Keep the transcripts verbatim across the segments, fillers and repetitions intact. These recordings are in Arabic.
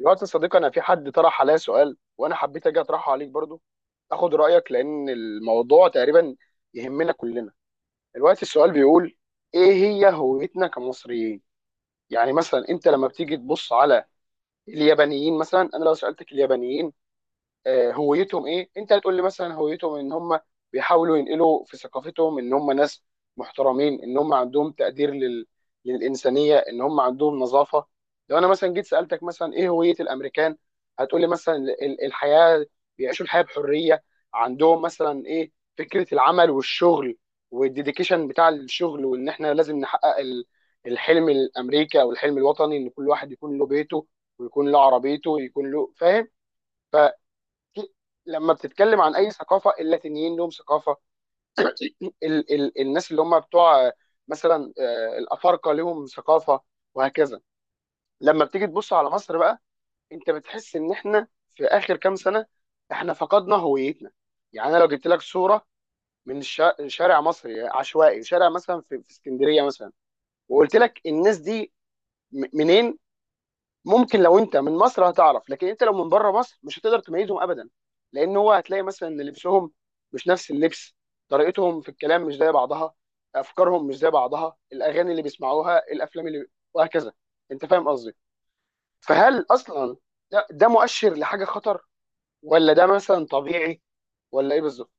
الوقت يا صديقي، انا في حد طرح عليا سؤال وانا حبيت اجي اطرحه عليك برضو، اخد رايك لان الموضوع تقريبا يهمنا كلنا. الوقت السؤال بيقول: ايه هي هويتنا كمصريين؟ يعني مثلا انت لما بتيجي تبص على اليابانيين مثلا، انا لو سالتك اليابانيين آه، هويتهم ايه، انت هتقول لي مثلا هويتهم ان هم بيحاولوا ينقلوا في ثقافتهم ان هم ناس محترمين، ان هم عندهم تقدير لل... للانسانيه، ان هم عندهم نظافه. لو انا مثلا جيت سالتك مثلا ايه هويه الامريكان، هتقول لي مثلا ال- الحياه، بيعيشوا الحياه بحريه، عندهم مثلا ايه فكره العمل والشغل والديديكيشن بتاع الشغل، وان احنا لازم نحقق ال- الحلم الامريكي او الحلم الوطني، ان كل واحد يكون له بيته ويكون له عربيته ويكون له فاهم. في لما بتتكلم عن اي ثقافه، اللاتينيين لهم ثقافه، ال ال الناس اللي هم بتوع مثلا آه، الافارقه لهم ثقافه، وهكذا. لما بتيجي تبص على مصر بقى، انت بتحس ان احنا في اخر كام سنه احنا فقدنا هويتنا. يعني انا لو جبت لك صوره من الشا- شارع مصري عشوائي، شارع مثلا في في اسكندريه مثلا، وقلت لك الناس دي م- منين، ممكن لو انت من مصر هتعرف، لكن انت لو من بره مصر مش هتقدر تميزهم ابدا. لان هو هتلاقي مثلا ان لبسهم مش نفس اللبس، طريقتهم في الكلام مش زي بعضها، افكارهم مش زي بعضها، الاغاني اللي بيسمعوها، الافلام اللي وهكذا. انت فاهم قصدي؟ فهل اصلا ده, ده مؤشر لحاجه خطر، ولا ده مثلا طبيعي، ولا ايه بالظبط؟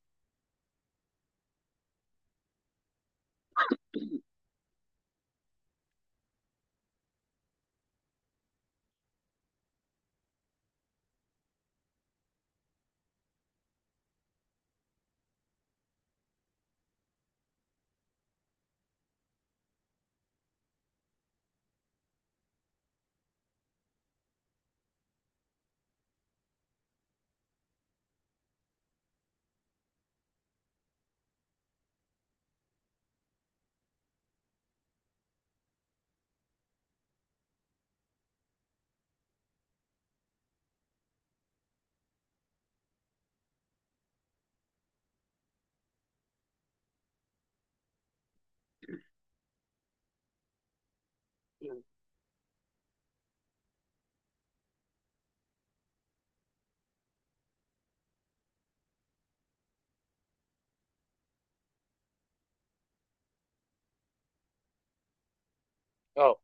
اه،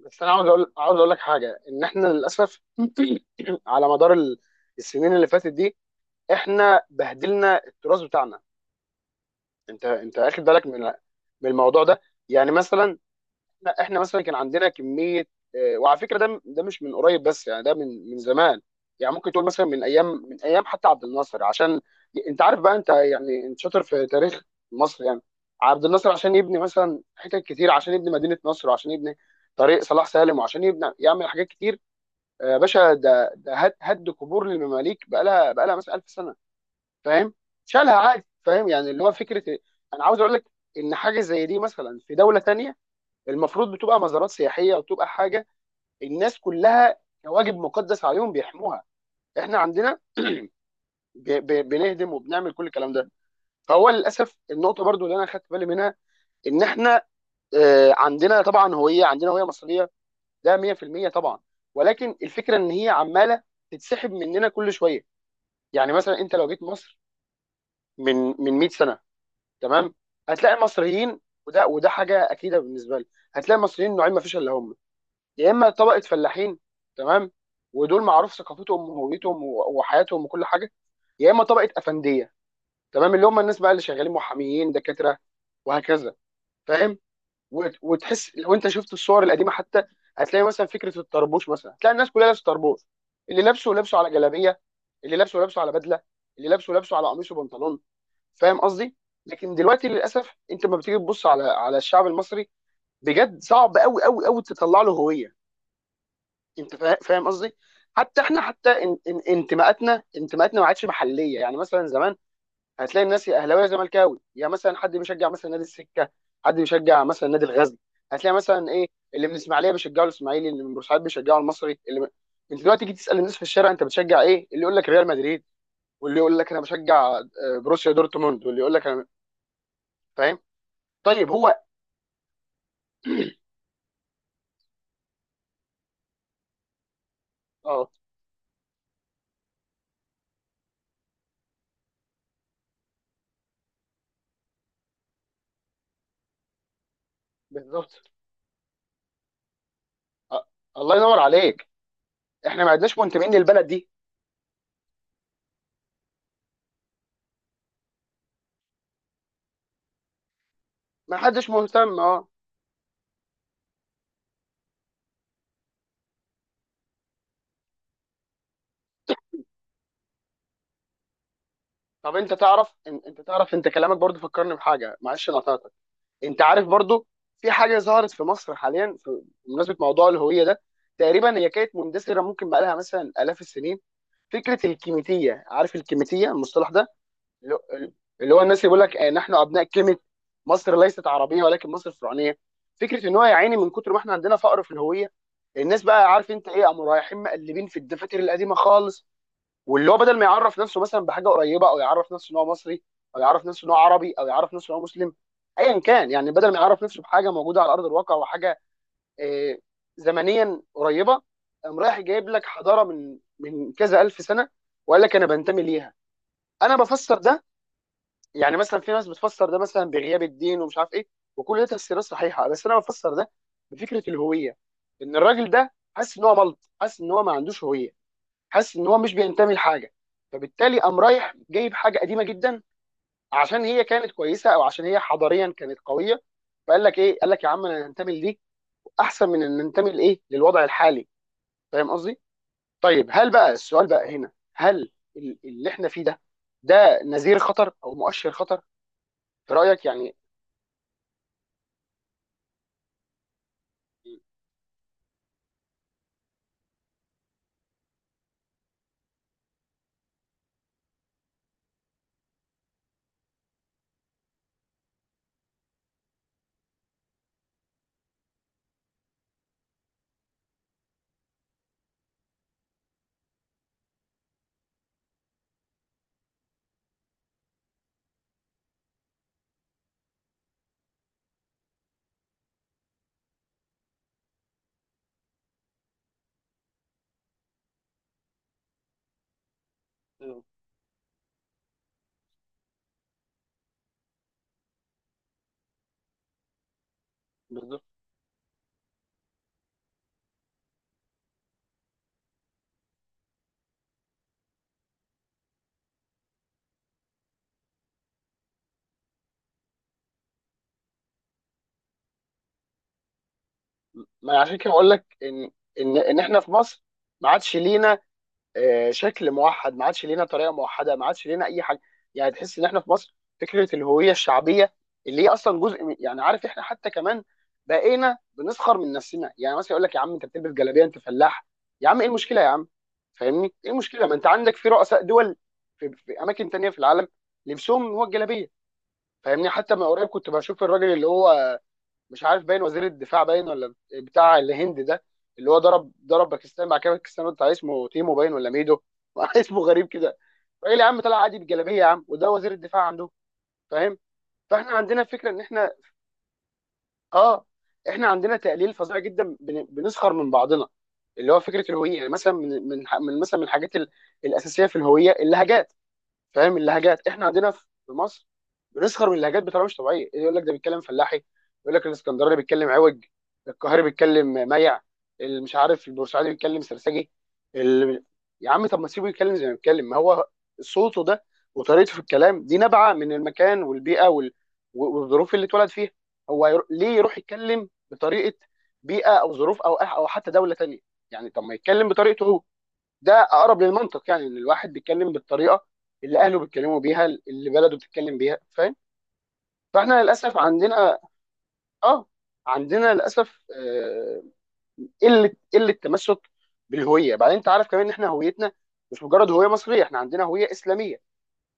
بس انا عاوز اقول، عاوز اقول لك حاجه: ان احنا للاسف على مدار ال- السنين اللي فاتت دي احنا بهدلنا التراث بتاعنا. انت انت اخد بالك من من الموضوع ده؟ يعني مثلا احنا احنا مثلا كان عندنا كميه، آه، وعلى فكره ده ده مش من قريب بس، يعني ده من من زمان، يعني ممكن تقول مثلا من ايام، من ايام حتى عبد الناصر، عشان انت عارف بقى، انت يعني انت شاطر في تاريخ مصر يعني. عبد الناصر عشان يبني مثلا حتت كتير، عشان يبني مدينه نصر وعشان يبني طريق صلاح سالم وعشان يبني يعمل حاجات كتير، آه، يا باشا ده ده هد هد قبور للمماليك بقى لها، بقى لها مثلا الف سنه، فاهم؟ شالها عادي، فاهم؟ يعني اللي هو فكره إيه؟ انا عاوز اقول لك ان حاجه زي دي مثلا في دوله تانية المفروض بتبقى مزارات سياحيه، وتبقى حاجه الناس كلها كواجب مقدس عليهم بيحموها. احنا عندنا ب- ب- بنهدم وبنعمل كل الكلام ده. فهو للاسف النقطه برضو اللي انا خدت بالي منها ان احنا آه، عندنا طبعا هويه، عندنا هويه مصريه، ده مية في المية طبعا، ولكن الفكره ان هي عماله تتسحب مننا كل شويه. يعني مثلا انت لو جيت مصر من من مئة سنه، تمام، هتلاقي المصريين، وده وده حاجه اكيده بالنسبه لي، هتلاقي المصريين نوعين ما فيش الا هم: يا اما طبقه فلاحين، تمام، ودول معروف ثقافتهم وهويتهم و- وحياتهم وكل حاجه، يا اما طبقه افنديه، تمام، اللي هم الناس بقى اللي شغالين محاميين دكاتره وهكذا، فاهم؟ وت- وتحس لو انت شفت الصور القديمه حتى، هتلاقي مثلا فكره الطربوش مثلا، هتلاقي الناس كلها لابسه طربوش، اللي لابسه لابسه على جلابيه، اللي لابسه لابسه على بدله، اللي لابسه لابسه على قميص وبنطلون، فاهم قصدي؟ لكن دلوقتي للاسف انت لما بتيجي تبص على على الشعب المصري، بجد صعب قوي قوي قوي تطلع له هويه، انت فا- فاهم قصدي؟ حتى احنا، حتى ان ان انتماءاتنا، انتماءاتنا ما عادش محليه. يعني مثلا زمان هتلاقي الناس يا اهلاويه يا زملكاوي، يا مثلا حد بيشجع مثلا نادي السكه، حد بيشجع مثلا نادي الغزل، هتلاقي مثلا ايه، اللي من الاسماعيليه بيشجعوا الاسماعيلي، اللي من بورسعيد بيشجعوا المصري، اللي من... انت دلوقتي تيجي تسال الناس في الشارع انت بتشجع ايه، اللي يقول لك ريال مدريد، واللي يقول لك انا بشجع آه، بروسيا دورتموند، واللي يقول لك انا، فاهم؟ طيب هو اه، بالظبط. أ- الله ينور عليك. احنا ما عدناش منتمين للبلد دي. ما حدش مهتم، اه. طب انت تعرف إن- انت تعرف، انت كلامك برضو فكرني بحاجه، معلش انا قطعتك، انت عارف برضو في حاجه ظهرت في مصر حاليا في- بمناسبه موضوع الهويه ده، تقريبا هي كانت مندثره ممكن بقى لها مثلا الاف السنين: فكره الكيميتيه، عارف الكيميتيه المصطلح ده؟ اللي هو، اللي هو الناس اللي بيقول لك آه، نحن ابناء كلمه، مصر ليست عربيه ولكن مصر فرعونيه. فكره ان هو يا عيني من كتر ما احنا عندنا فقر في الهويه، الناس بقى، عارف انت ايه، قاموا رايحين مقلبين في الدفاتر القديمه خالص، واللي هو بدل ما يعرف نفسه مثلا بحاجه قريبه، او يعرف نفسه ان هو مصري، او يعرف نفسه ان هو عربي، او يعرف نفسه ان هو مسلم، ايا كان يعني، بدل ما يعرف نفسه بحاجه موجوده على ارض الواقع وحاجه آه، زمنيا قريبه، قام رايح جايب لك حضاره من من كذا الف سنه وقال لك انا بنتمي ليها. انا بفسر ده، يعني مثلا في ناس بتفسر ده مثلا بغياب الدين ومش عارف ايه، وكل ده تفسيرات صحيحه، بس انا بفسر ده بفكره الهويه: ان الراجل ده حاسس ان هو ملط، حاسس ان هو ما عندوش هويه، حاسس ان هو مش بينتمي لحاجه، فبالتالي قام رايح جايب حاجه قديمه جدا عشان هي كانت كويسه، او عشان هي حضاريا كانت قويه، فقال لك ايه، قال لك يا عم انا انتمي لدي احسن من ان انتمي لايه، للوضع الحالي، فاهم قصدي؟ طيب هل بقى، السؤال بقى هنا، هل ال- اللي احنا فيه ده، ده نذير خطر او مؤشر خطر في رايك يعني؟ مم. بالظبط. ما عشان كده بقول لك ان ان ان احنا في مصر ما عادش لينا آه، شكل موحد، ما عادش لينا طريقه موحده، ما عادش لينا اي حاجه. يعني تحس ان احنا في مصر فكره الهويه الشعبيه اللي هي اصلا جزء من، يعني عارف، احنا حتى كمان بقينا بنسخر من نفسنا. يعني مثلا يقول لك يا عم انت بتلبس جلابيه، انت فلاح. يا عم ايه المشكله يا عم، فاهمني؟ ايه المشكله، ما انت عندك في رؤساء دول في, في اماكن تانية في العالم لبسهم هو الجلابيه. فاهمني؟ حتى من قريب كنت بشوف الراجل اللي هو مش عارف باين وزير الدفاع باين ولا بتاع الهند ده، اللي هو ضرب ضرب باكستان مع كامل باكستان بتاع، اسمه تيمو باين ولا ميدو اسمه غريب كده، راجل يا عم طلع عادي بجلابيه يا عم، وده وزير الدفاع عنده، فاهم؟ فاحنا عندنا فكره ان احنا اه، احنا عندنا تقليل فظيع جدا، بن- بنسخر من بعضنا. اللي هو فكره الهويه، يعني مثلا من من من مثلا من الحاجات ال- الاساسيه في الهويه: اللهجات. فاهم؟ اللهجات احنا عندنا في مصر بنسخر من اللهجات بطريقه مش طبيعيه. إيه، يقول لك ده بيتكلم فلاحي، يقول لك الاسكندراني بيتكلم عوج، القاهري بيتكلم ميع، اللي مش عارف البورسعيدي بيتكلم سرسجي، اللي... يا عم طب ما تسيبه يتكلم زي ما بيتكلم، ما هو صوته ده وطريقته في الكلام دي نابعه من المكان والبيئه وال... والظروف اللي اتولد فيها. هو يرو... ليه يروح يتكلم بطريقه بيئه او ظروف او او حتى دوله تانيه؟ يعني طب ما يتكلم بطريقته هو، ده اقرب للمنطق. يعني ان الواحد بيتكلم بالطريقه اللي اهله بيتكلموا بيها، اللي بلده بتتكلم بيها، فاهم؟ فاحنا للاسف عندنا اه، عندنا للاسف آه، قله، قله تمسك بالهويه. بعدين انت عارف كمان ان احنا هويتنا مش مجرد هويه مصريه، احنا عندنا هويه اسلاميه،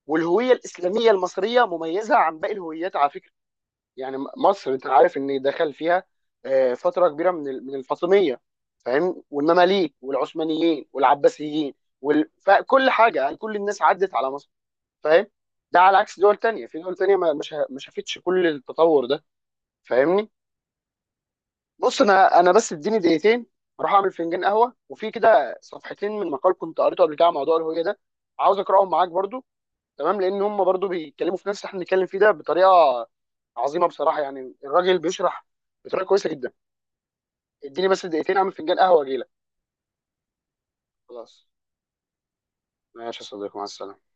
والهويه الاسلاميه المصريه مميزه عن باقي الهويات على فكره. يعني مصر انت عارف ان دخل فيها آه، فتره كبيره من ال- من الفاطميه، فاهم؟ والمماليك والعثمانيين والعباسيين وال... فكل حاجه، يعني كل الناس عدت على مصر، فاهم؟ ده على عكس دول تانية، في دول تانية ما ما شا- ما شافتش كل التطور ده، فاهمني؟ بص انا، انا بس اديني دقيقتين اروح اعمل فنجان قهوه، وفي كده صفحتين من مقال كنت قريته قبل كده على موضوع الهويه ده عاوز اقراهم معاك برضو، تمام؟ لان هم برضو بيتكلموا في نفس اللي احنا بنتكلم فيه ده بطريقه عظيمه بصراحه، يعني الراجل بيشرح بطريقه كويسه جدا. اديني بس دقيقتين اعمل فنجان قهوه واجي لك. خلاص، ماشي يا صديقي، مع السلامه.